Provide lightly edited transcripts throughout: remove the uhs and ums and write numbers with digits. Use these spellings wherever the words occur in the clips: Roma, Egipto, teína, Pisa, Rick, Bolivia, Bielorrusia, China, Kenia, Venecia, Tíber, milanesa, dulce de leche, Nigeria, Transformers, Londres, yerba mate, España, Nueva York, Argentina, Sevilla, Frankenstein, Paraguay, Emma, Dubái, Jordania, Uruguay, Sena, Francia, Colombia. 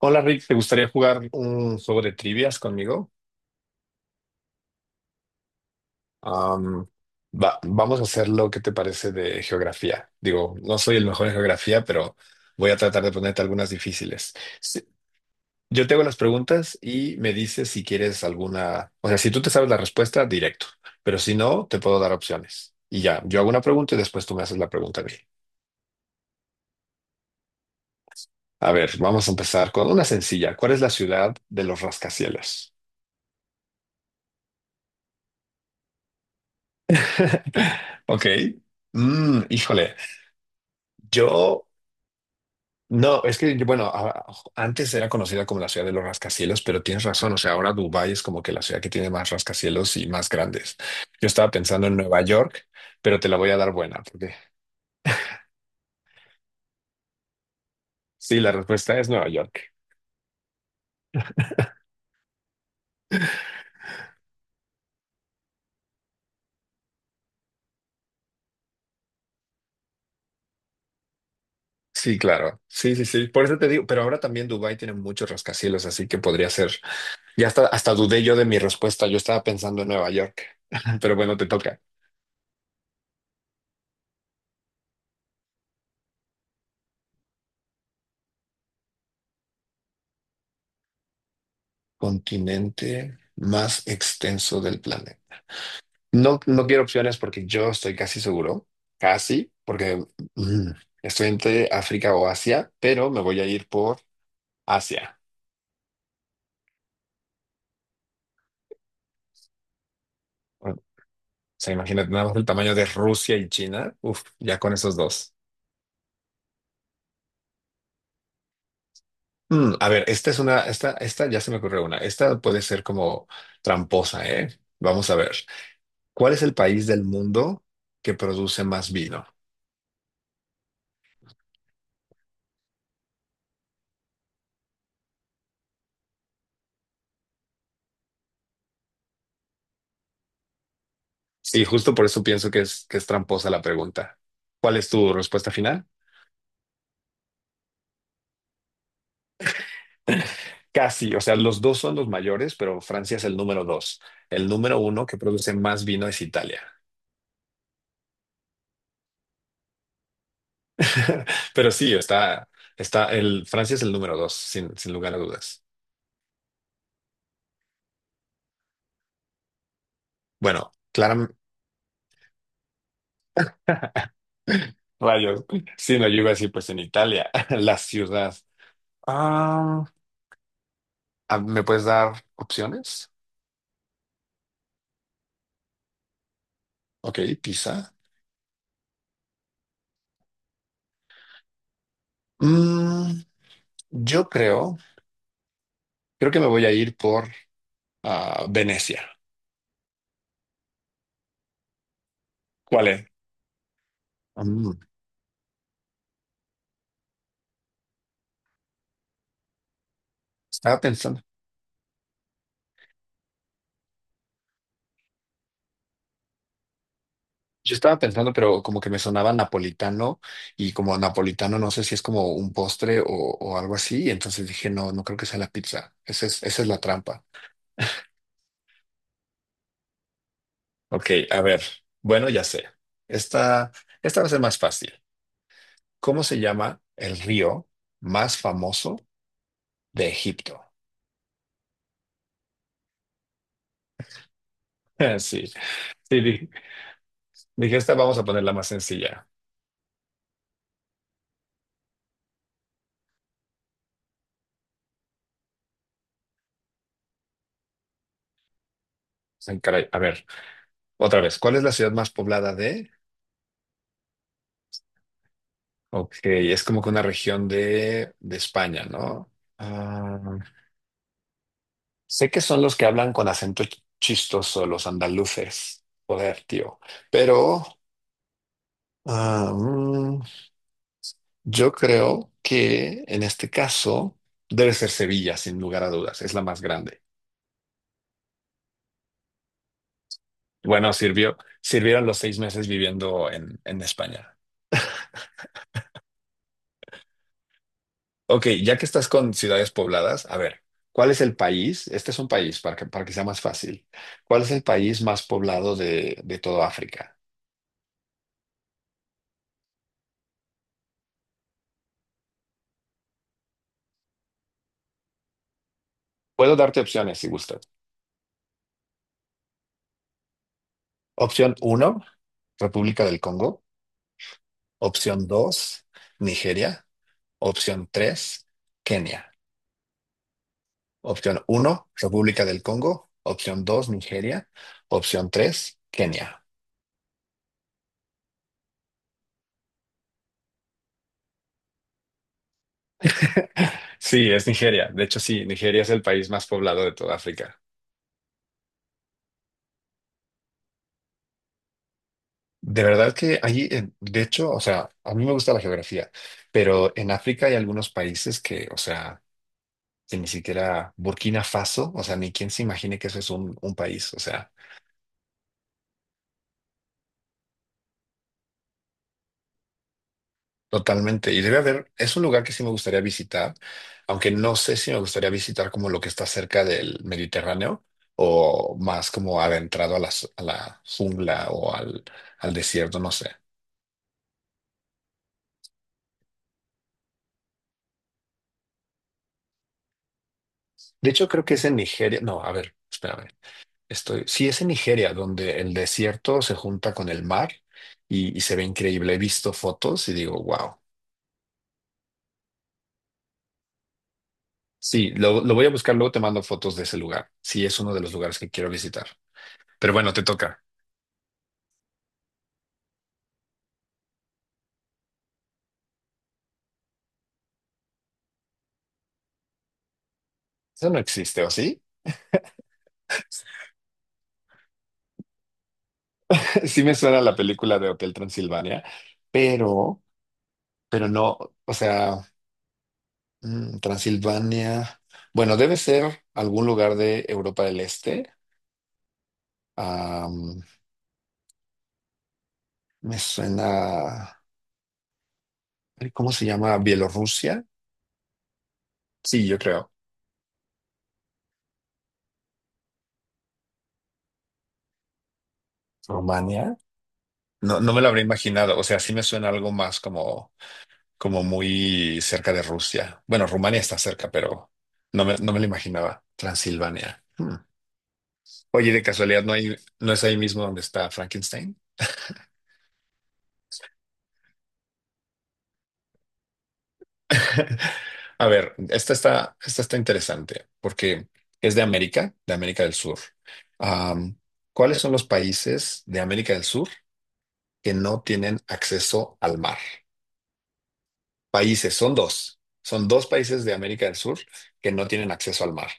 Hola Rick, ¿te gustaría jugar un juego de trivias conmigo? Am, Vamos a hacer lo que te parece de geografía. Digo, no soy el mejor en geografía, pero voy a tratar de ponerte algunas difíciles. Si- yo te hago las preguntas y me dices si quieres alguna, o sea, si tú te sabes la respuesta, directo, pero si no, te puedo dar opciones. Y ya, yo hago una pregunta y después tú me haces la pregunta a mí. A ver, vamos a empezar con una sencilla. ¿Cuál es la ciudad de los rascacielos? Ok. Híjole. Yo, no, es que, bueno, antes era conocida como la ciudad de los rascacielos, pero tienes razón, o sea, ahora Dubái es como que la ciudad que tiene más rascacielos y más grandes. Yo estaba pensando en Nueva York, pero te la voy a dar buena, porque sí, la respuesta es Nueva York. Sí, claro, sí, sí, sí, por eso te digo, pero ahora también Dubái tiene muchos rascacielos, así que podría ser, ya hasta dudé yo de mi respuesta, yo estaba pensando en Nueva York, pero bueno, te toca. Continente más extenso del planeta. No, no quiero opciones porque yo estoy casi seguro, casi, porque mm, estoy entre África o Asia, pero me voy a ir por Asia. Bueno, o sea, imagínate nada más el tamaño de Rusia y China. Uf, ya con esos dos. A ver, esta ya se me ocurrió una. Esta puede ser como tramposa, ¿eh? Vamos a ver. ¿Cuál es el país del mundo que produce más vino? Y justo por eso pienso que es tramposa la pregunta. ¿Cuál es tu respuesta final? Casi, o sea, los dos son los mayores, pero Francia es el número dos. El número uno que produce más vino es Italia. Pero sí, está, el Francia es el número dos, sin lugar a dudas. Bueno, claramente, rayos. Sí, no, yo iba a decir, pues en Italia, la ciudad. Ah, ¿Me puedes dar opciones? Ok, Pisa. Mm, yo creo que me voy a ir por Venecia. ¿Cuál es? Mm, Estaba pensando. Yo estaba pensando, pero como que me sonaba napolitano y como napolitano no sé si es como un postre o algo así, y entonces dije, no, no creo que sea la pizza. Esa es la trampa. Ok, a ver, bueno, ya sé. Esta, esta va a ser más fácil. ¿Cómo se llama el río más famoso de Egipto? Sí, sí, dije, esta vamos a ponerla más sencilla. Ay, caray, a ver, otra vez, ¿cuál es la ciudad más poblada de? Ok, es como que una región de España, ¿no? Ah, Sé que son los que hablan con acento chistoso, los andaluces. Joder, tío. Pero ah, mm, yo creo que en este caso debe ser Sevilla, sin lugar a dudas. Es la más grande. Bueno, sirvió, sirvieron los 6 meses viviendo en España. Ok, ya que estás con ciudades pobladas, a ver, ¿cuál es el país? Este es un país para que sea más fácil. ¿Cuál es el país más poblado de todo África? Puedo darte opciones si gustas. Opción uno. República del Congo. Opción 2, Nigeria. Opción 3, Kenia. Opción uno, República del Congo. Opción 2, Nigeria. Opción 3, Kenia. Sí, es Nigeria. De hecho, sí, Nigeria es el país más poblado de toda África. De verdad que allí, de hecho, o sea, a mí me gusta la geografía, pero en África hay algunos países que, o sea, que ni siquiera Burkina Faso, o sea, ni quien se imagine que eso es un país, o sea, totalmente. Y debe haber, es un lugar que sí me gustaría visitar, aunque no sé si me gustaría visitar como lo que está cerca del Mediterráneo o más como adentrado a la jungla o al desierto, no sé. De hecho, creo que es en Nigeria. No, a ver, espérame. Sí, es en Nigeria, donde el desierto se junta con el mar y se ve increíble. He visto fotos y digo, wow. Sí, lo voy a buscar, luego te mando fotos de ese lugar. Sí, es uno de los lugares que quiero visitar. Pero bueno, te toca. Eso no existe, ¿o sí? Sí me suena la película de Hotel Transilvania, pero, pero no, o sea, Transilvania, bueno, debe ser algún lugar de Europa del Este. Am, Me suena, ay, ¿cómo se llama? Bielorrusia. Sí, yo creo. Rumania. No, no me lo habría imaginado. O sea, sí me suena algo más como muy cerca de Rusia. Bueno, Rumania está cerca, pero no me lo imaginaba. Transilvania. Hmm. Oye, de casualidad, ¿no hay, no es ahí mismo donde está Frankenstein? A ver, esta está interesante porque es de América del Sur. Am, ¿Cuáles son los países de América del Sur que no tienen acceso al mar? Países, son dos. Son dos países de América del Sur que no tienen acceso al mar.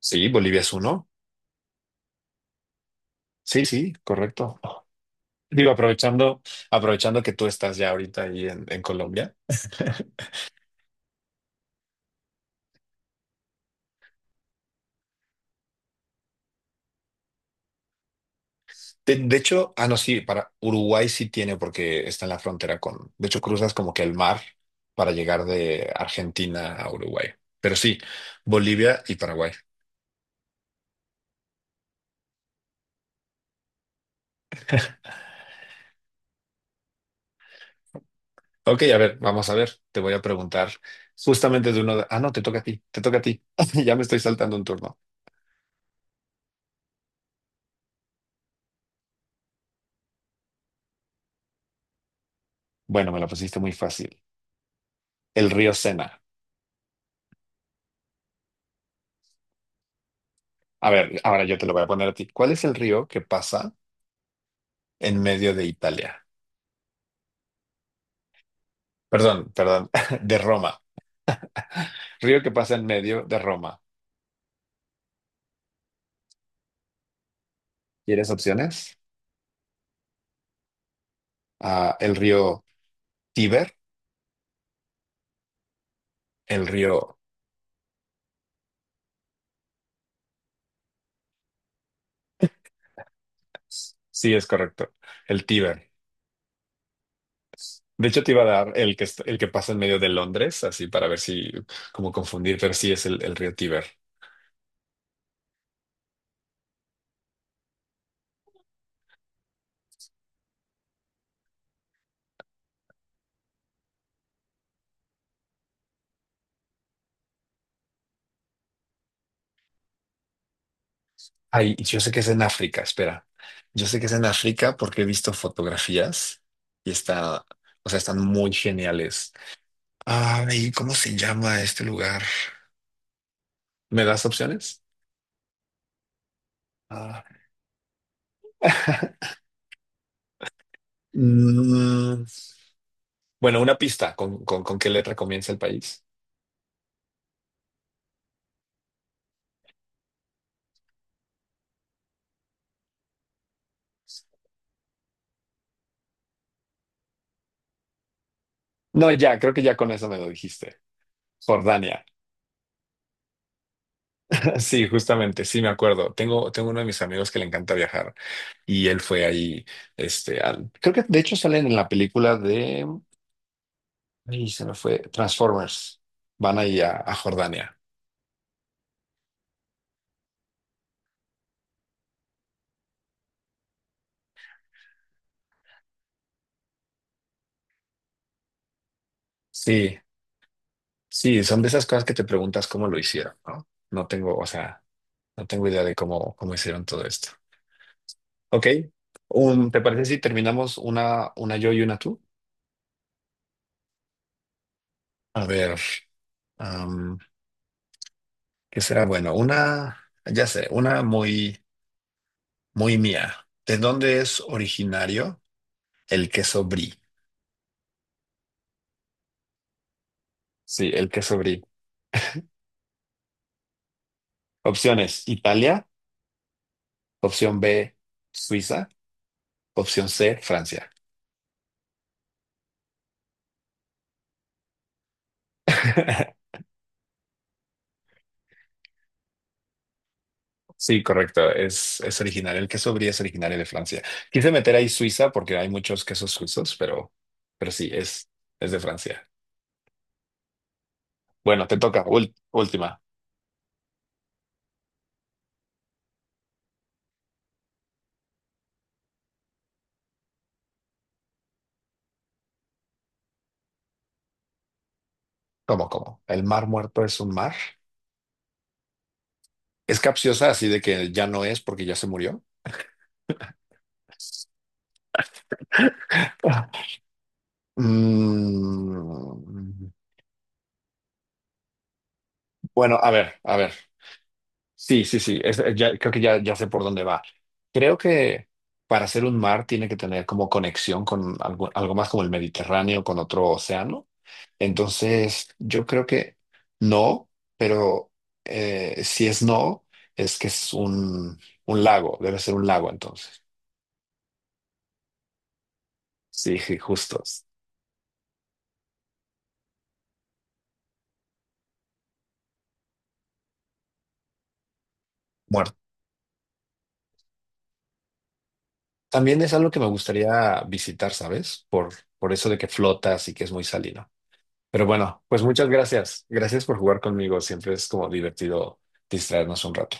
Sí, Bolivia es uno. Sí, sí, correcto. Digo, aprovechando que tú estás ya ahorita ahí en Colombia. De hecho, ah, no, sí, para Uruguay sí tiene porque está en la frontera con, de hecho, cruzas como que el mar para llegar de Argentina a Uruguay. Pero sí, Bolivia y Paraguay. Ok, a ver, vamos a ver. Te voy a preguntar justamente de uno de. Ah, no, te toca a ti, te toca a ti. Ya me estoy saltando un turno. Bueno, me la pusiste muy fácil. El río Sena. A ver, ahora yo te lo voy a poner a ti. ¿Cuál es el río que pasa en medio de Italia? Perdón, perdón, de Roma. Río que pasa en medio de Roma. ¿Quieres opciones? Ah, el río Tíber, el río, sí es correcto, el Tíber. De hecho, te iba a dar el que pasa en medio de Londres, así para ver si, como confundir, pero sí es el río Tíber. Ay, y yo sé que es en África, espera. Yo sé que es en África porque he visto fotografías y está, o sea, están muy geniales. Ay, ¿cómo se llama este lugar? ¿Me das opciones? Ah. Mm, bueno, una pista, ¿con qué letra comienza el país? No, ya, creo que ya con eso me lo dijiste. Jordania. Sí, justamente, sí me acuerdo. Tengo uno de mis amigos que le encanta viajar y él fue ahí, este, creo que de hecho salen en la película de, ay, se me fue, Transformers. Van ahí a Jordania. Sí, sí, son de esas cosas que te preguntas cómo lo hicieron, ¿no? No tengo, o sea, no tengo idea de cómo hicieron todo esto. Ok, un ¿te parece si terminamos una yo y una tú? A ver. ¿Qué será? Bueno, una, ya sé, una muy, muy mía. ¿De dónde es originario el queso brie? Sí, el queso brie. Opciones, Italia. Opción B, Suiza. Opción C, Francia. Sí, correcto. Es originario. El queso brie es originario de Francia. Quise meter ahí Suiza porque hay muchos quesos suizos, pero sí, es de Francia. Bueno, te toca. Última. ¿Cómo, cómo? ¿El mar muerto es un mar? ¿Es capciosa así de que ya no es porque ya se murió? Ah, Mm, bueno, a ver, a ver. Sí, sí, sí. Ya, creo que ya sé por dónde va. Creo que para ser un mar tiene que tener como conexión con algo más como el Mediterráneo, con otro océano. Entonces, yo creo que no, pero si es no, es que es un lago. Debe ser un lago entonces. Sí, sí, justo. También es algo que me gustaría visitar, ¿sabes? Por eso de que flotas y que es muy salino. Pero bueno, pues muchas gracias. Gracias por jugar conmigo. Siempre es como divertido distraernos un rato.